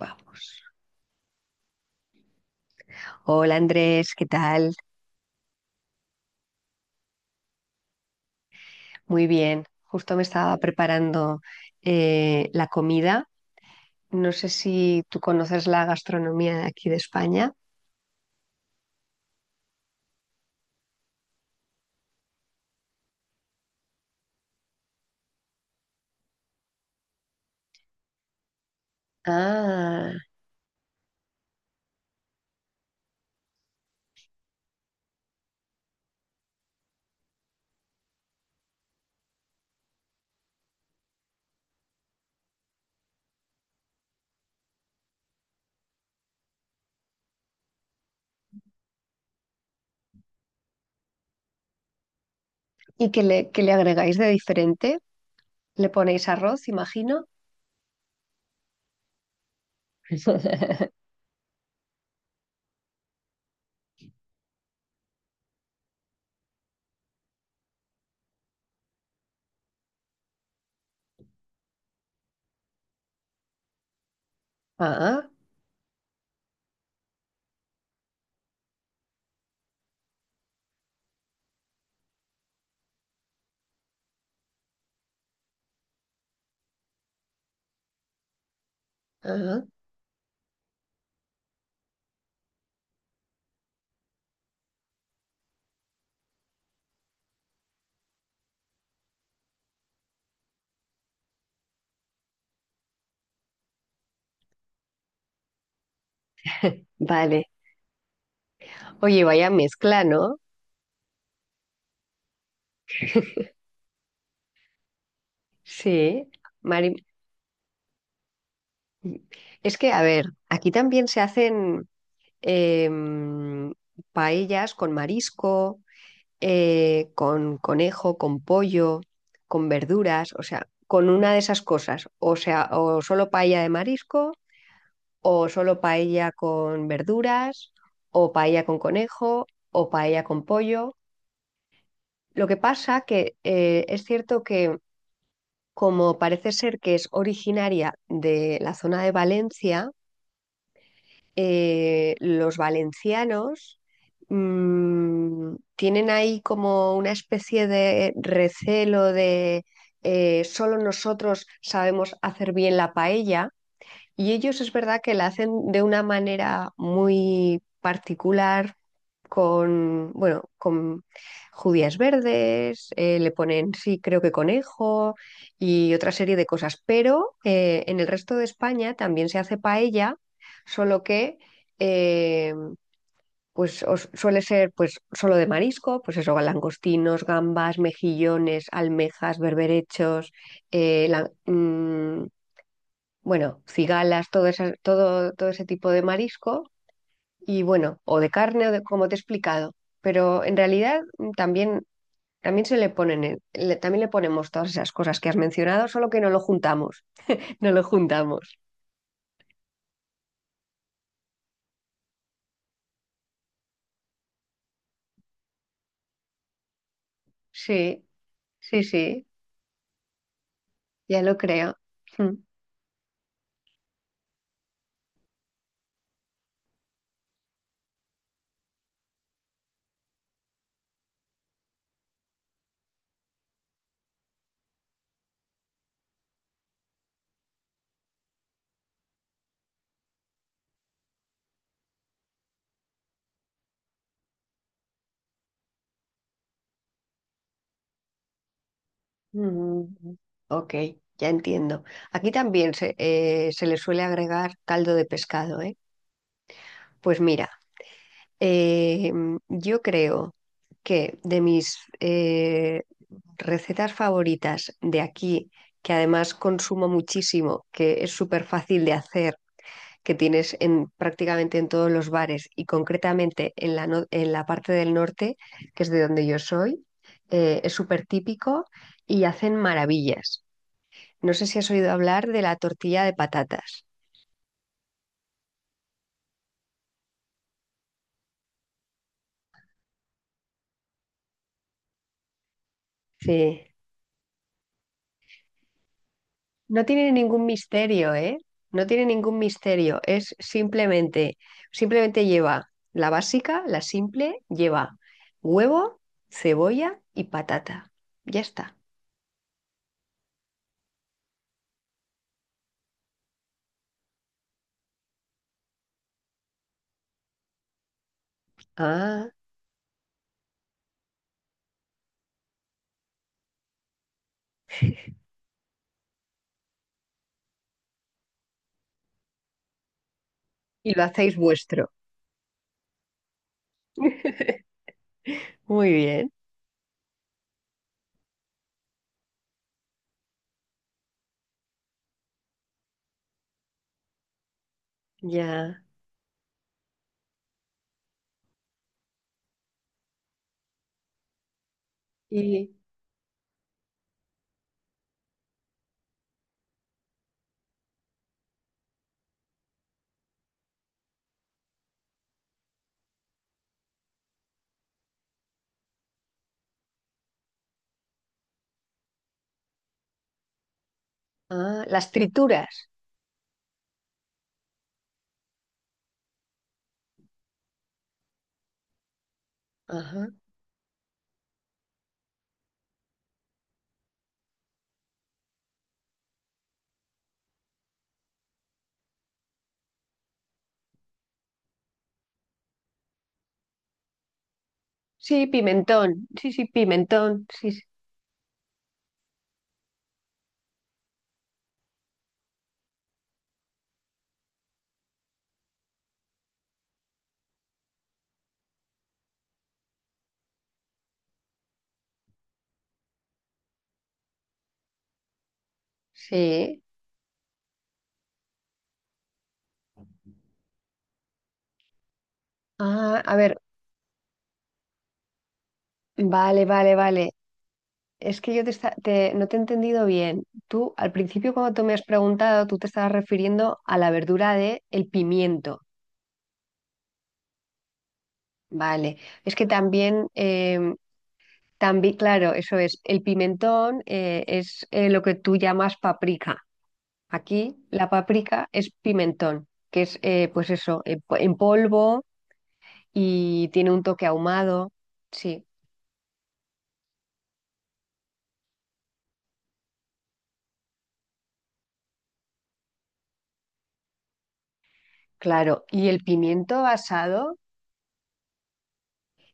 Vamos. Hola Andrés, ¿qué tal? Muy bien. Justo me estaba preparando la comida. No sé si tú conoces la gastronomía de aquí de España. Ah, ¿y qué qué le agregáis de diferente? ¿Le ponéis arroz, imagino? Ah, ah, vale. Oye, vaya mezcla, ¿no? Sí. Mari- Es que, a ver, aquí también se hacen em, paellas con marisco, con conejo, con pollo, con verduras, o sea, con una de esas cosas. O sea, o solo paella de marisco, o solo paella con verduras, o paella con conejo, o paella con pollo. Lo que pasa que es cierto que como parece ser que es originaria de la zona de Valencia, los valencianos tienen ahí como una especie de recelo de solo nosotros sabemos hacer bien la paella, y ellos es verdad que la hacen de una manera muy particular, con, bueno, con judías verdes, le ponen, sí, creo que conejo y otra serie de cosas. Pero en el resto de España también se hace paella, solo que eh, suele ser pues solo de marisco, pues eso, langostinos, gambas, mejillones, almejas, berberechos, eh, la- mm, bueno, cigalas, todo, todo, todo ese tipo de marisco y bueno, o de carne o de como te he explicado, pero en realidad también, también se le ponen, también le ponemos todas esas cosas que has mencionado, solo que no lo juntamos, no lo juntamos. Sí, sí, sí, ya lo creo. Mm. Mm, ok, ya entiendo. Aquí también se, se le suele agregar caldo de pescado, ¿eh? Pues mira, yo creo que de mis recetas favoritas de aquí, que además consumo muchísimo, que es súper fácil de hacer, que tienes en, prácticamente en todos los bares y concretamente en la, en la parte del norte, que es de donde yo soy, es súper típico y hacen maravillas. No sé si has oído hablar de la tortilla de patatas. Sí. No tiene ningún misterio, ¿eh? No tiene ningún misterio. Es simplemente, simplemente lleva la básica, la simple, lleva huevo, cebolla y patata. Ya está. Ah, y lo hacéis vuestro. Muy bien, ya. Y ah, las trituras. Ajá. Sí, pimentón. Sí, sí, pimentón. Sí, sí. Sí. Ah, a ver, vale, vale, vale. Es que yo no te he entendido bien. Tú, al principio, cuando tú me has preguntado, tú te estabas refiriendo a la verdura de el pimiento. Vale. Es que también, también, claro, eso es. El pimentón es lo que tú llamas paprika. Aquí la paprika es pimentón, que es, pues eso, en polvo y tiene un toque ahumado. Sí, claro. ¿Y el pimiento asado?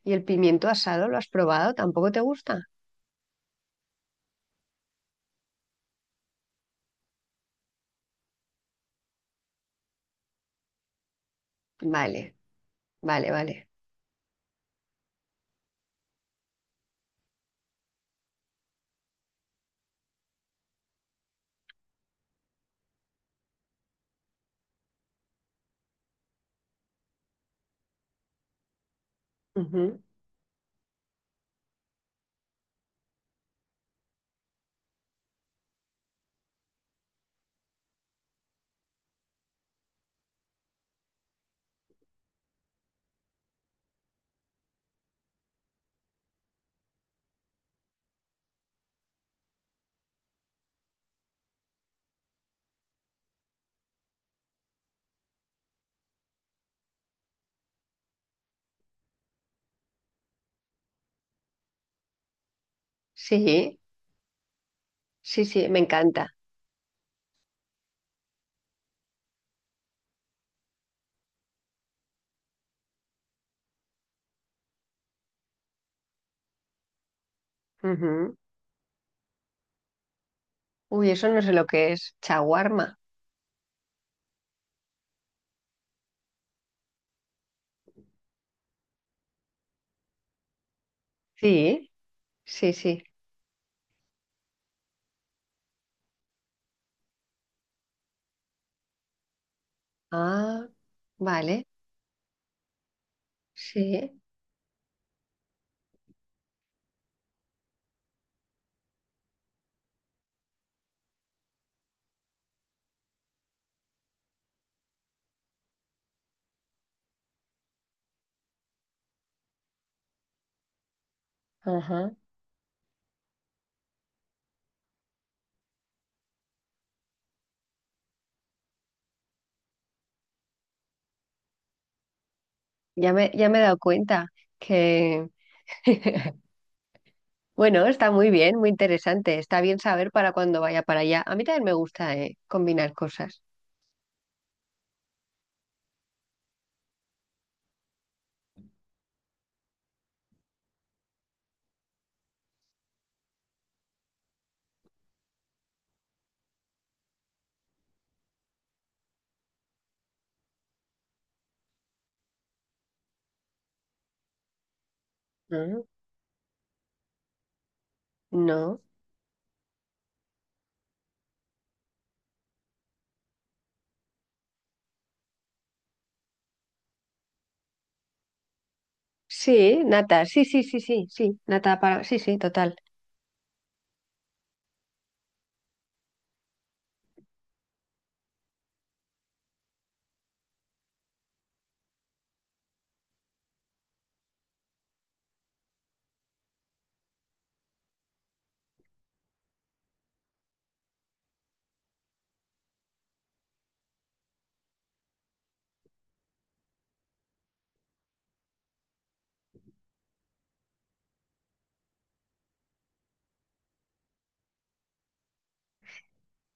¿Y el pimiento asado lo has probado? ¿Tampoco te gusta? Vale. Vale, vale. Ujú. Sí, sí, sí, me encanta. Ujú. Uy, eso no sé lo que es. Chaguarma. Sí, sí, sí. Ah, vale, sí. Ajá. Ya me he dado cuenta que, bueno, está muy bien, muy interesante. Está bien saber para cuando vaya para allá. A mí también me gusta, combinar cosas. Ujú. No. Sí, nata. Sí, sí, sí, sí, sí. Nata para... Sí, sí, total.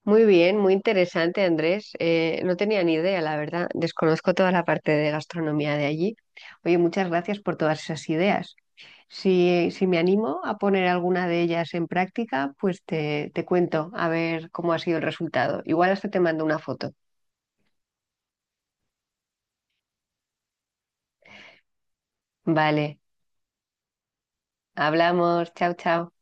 Muy bien, muy interesante, Andrés. No tenía ni idea, la verdad. Desconozco toda la parte de gastronomía de allí. Oye, muchas gracias por todas esas ideas. Si, si me animo a poner alguna de ellas en práctica, pues te cuento a ver cómo ha sido el resultado. Igual hasta te mando una foto. Vale, hablamos. Chao, chao.